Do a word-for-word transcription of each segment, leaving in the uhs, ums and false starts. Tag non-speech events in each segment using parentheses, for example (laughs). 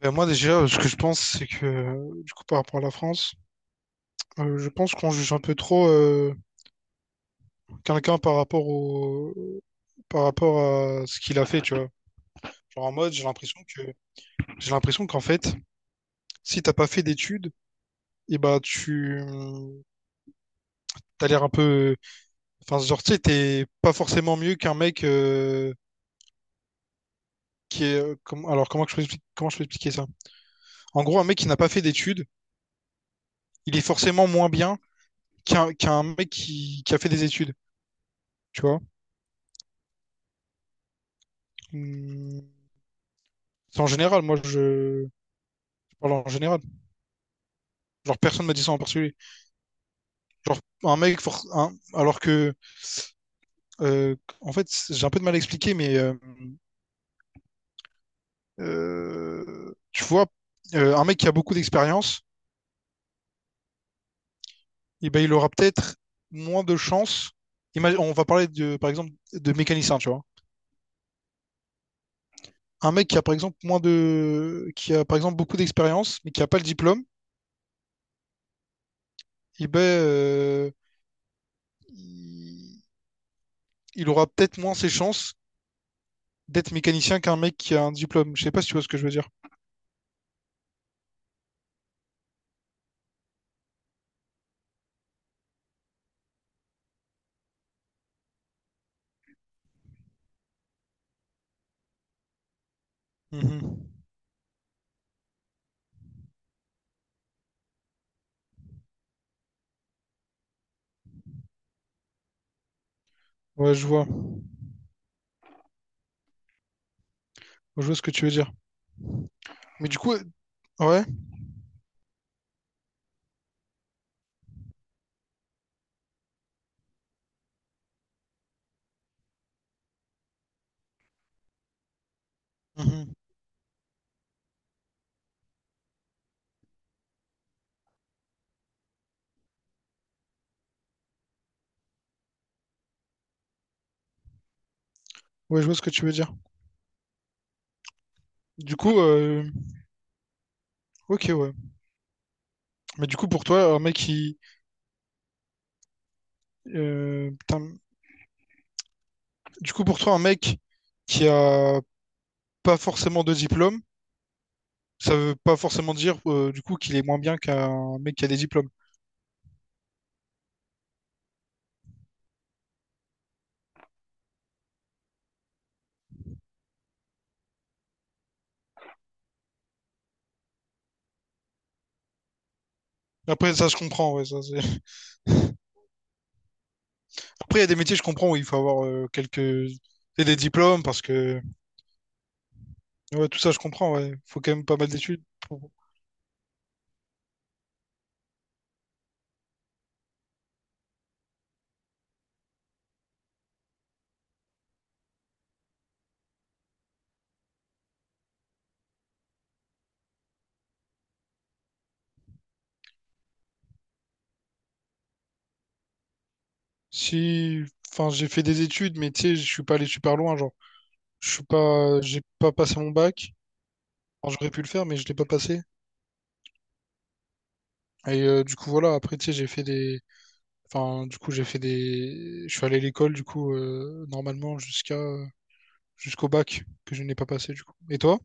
Ben, moi déjà, ce que je pense, c'est que, euh, du coup, par rapport à la France, euh, je pense qu'on juge un peu trop euh, quelqu'un par rapport au, par rapport à ce qu'il a fait, tu vois. Genre en mode, j'ai l'impression que, j'ai l'impression qu'en fait, si t'as pas fait d'études, et bah tu, t'as l'air un peu, enfin, genre, tu sais, t'es pas forcément mieux qu'un mec euh, qui est, euh, comme- alors comment que je peux expliquer, comment je peux expliquer ça? En gros, un mec qui n'a pas fait d'études, il est forcément moins bien qu'un qu'un mec qui, qui a fait des études, tu vois. Mmh. C'est en général, moi je... je parle en général. Genre personne m'a dit ça en particulier. Genre un mec, for- un- alors que, euh, en fait, c- j'ai un peu de mal à expliquer, mais euh, euh, tu vois, euh, un mec qui a beaucoup d'expérience, eh ben, il aura peut-être moins de chances. Imagine- on va parler de, par exemple, de mécanicien, tu vois. Un mec qui a par exemple moins de, qui a par exemple beaucoup d'expérience, mais qui a pas le diplôme, eh ben, euh, il il aura peut-être moins ses chances d'être mécanicien qu'un mec qui a un diplôme. Je sais pas si tu vois ce que je veux dire. Mhm. Ouais, je vois. Ouais, je vois ce que tu veux dire. Mais du coup, euh, ouais. Mhm. Ouais, je vois ce que tu veux dire. Du coup, euh, ok, ouais. Mais du coup, pour toi, un mec qui, euh, putain, du coup, pour toi, un mec qui a pas forcément de diplôme, ça veut pas forcément dire euh, du coup qu'il est moins bien qu'un mec qui a des diplômes. Après, ça, je comprends. Ouais, ça, c'est- (laughs) Après, il y a des métiers, je comprends, où il faut avoir euh, quelques et des diplômes, parce que. Ouais, tout ça, je comprends, ouais. Faut quand même pas mal d'études. Pour- Si. Enfin, j'ai fait des études, mais tu sais, je suis pas allé super loin, genre. Je suis pas. J'ai pas passé mon bac. Enfin, j'aurais pu le faire, mais je l'ai pas passé. Et euh, du coup, voilà, après, tu sais, j'ai fait des. Enfin, du coup, j'ai fait des. Je suis allé à l'école, du coup, euh, normalement, jusqu'à jusqu'au bac que je n'ai pas passé, du coup. Et toi?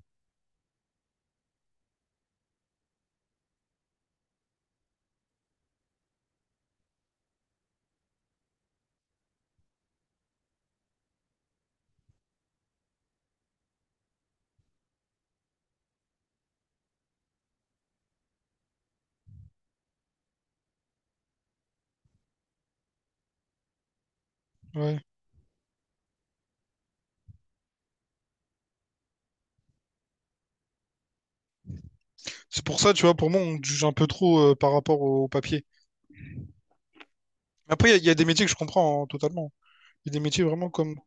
Ouais. C'est pour ça, tu vois, pour moi, on te juge un peu trop euh, par rapport au papier. Mais après, il y, a il y a des métiers que je comprends hein, totalement. Il y a des métiers vraiment comme.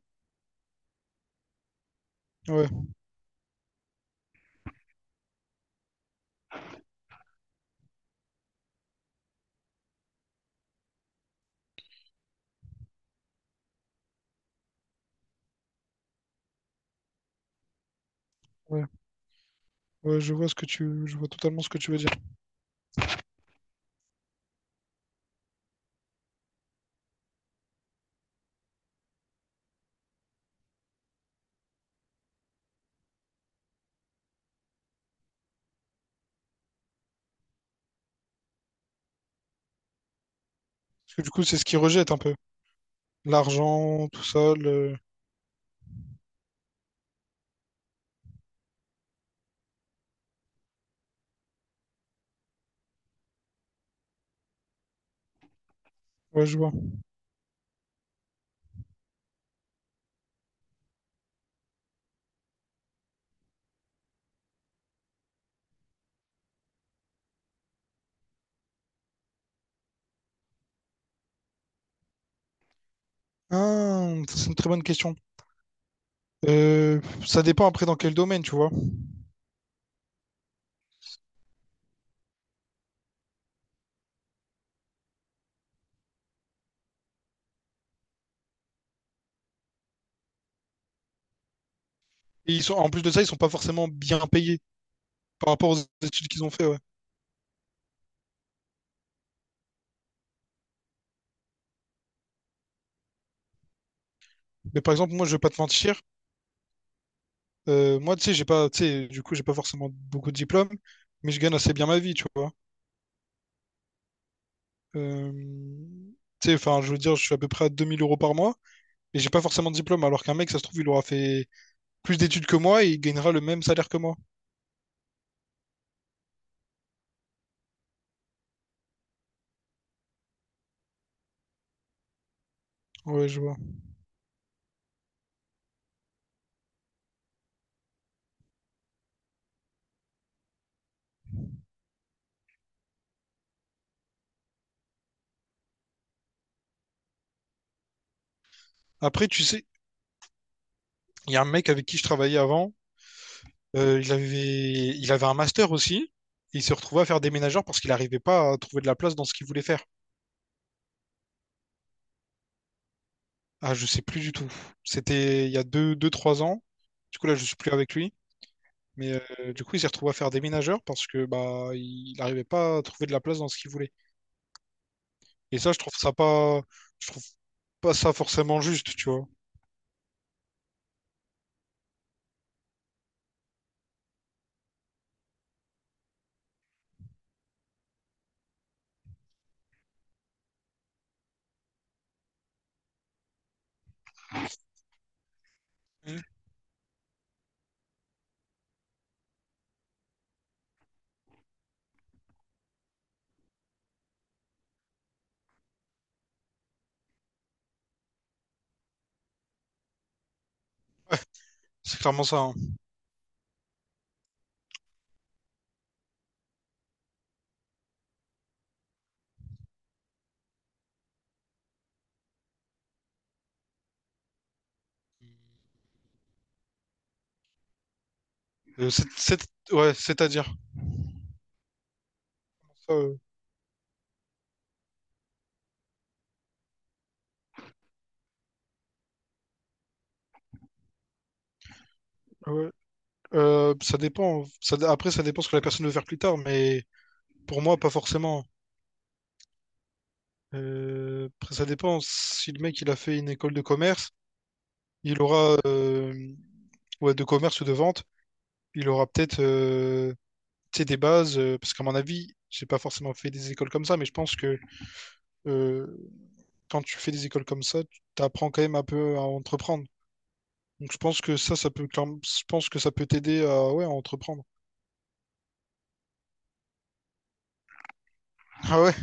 Ouais. Ouais. Ouais, je vois ce que tu, je vois totalement ce que tu veux dire. Parce que du coup, c'est ce qu'ils rejettent un peu. L'argent, tout ça, le. Ouais, je vois. Ah, ça, c'est une très bonne question. Euh, Ça dépend après dans quel domaine, tu vois. Et ils sont, en plus de ça, ils sont pas forcément bien payés par rapport aux études qu'ils ont fait, ouais. Mais par exemple, moi, je vais pas te mentir. Euh, moi, tu sais, j'ai pas, tu sais, du coup, j'ai pas forcément beaucoup de diplômes, mais je gagne assez bien ma vie, tu vois. Euh, Tu sais, enfin, je veux dire, je suis à peu près à deux mille euros par mois, et j'ai pas forcément de diplôme, alors qu'un mec, ça se trouve, il aura fait plus d'études que moi et il gagnera le même salaire que moi. Ouais, je vois. Après, tu sais, il y a un mec avec qui je travaillais avant. euh, il avait, il avait un master aussi. Et il se retrouvait à faire déménageur parce qu'il n'arrivait pas à trouver de la place dans ce qu'il voulait faire. Ah, je sais plus du tout. C'était il y a deux, deux, trois ans. Du coup, là, je suis plus avec lui. Mais euh, du coup, il s'est retrouvé à faire déménageur parce que bah, il n'arrivait pas à trouver de la place dans ce qu'il voulait. Et ça, je trouve ça pas, je trouve pas ça forcément juste, tu vois. Mhm. C'est clairement ça, hein. Euh, c'est, c'est- ouais, c'est-à-dire. euh, Ah ouais. Euh, ça dépend. Ça dé- après, ça dépend ce que la personne veut faire plus tard, mais pour moi, pas forcément. Euh, après, ça dépend. Si le mec, il a fait une école de commerce, il aura, euh, ouais, de commerce ou de vente, il aura peut-être, euh, tu sais, des bases. Euh, parce qu'à mon avis, j'ai pas forcément fait des écoles comme ça, mais je pense que euh, quand tu fais des écoles comme ça, tu apprends quand même un peu à entreprendre. Donc, je pense que ça, ça peut, clairement- je pense que ça peut t'aider à, ouais, à entreprendre. (laughs) Ah ouais.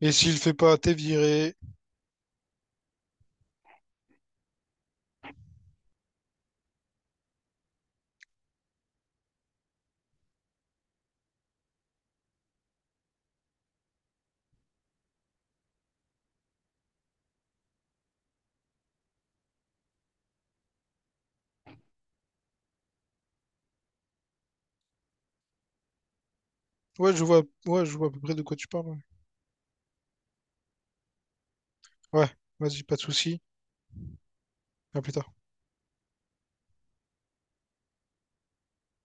Et s'il le fait pas, t'es viré. Ouais, je vois, ouais, je vois à peu près de quoi tu parles. Ouais, ouais, vas-y, pas de souci. À plus tard.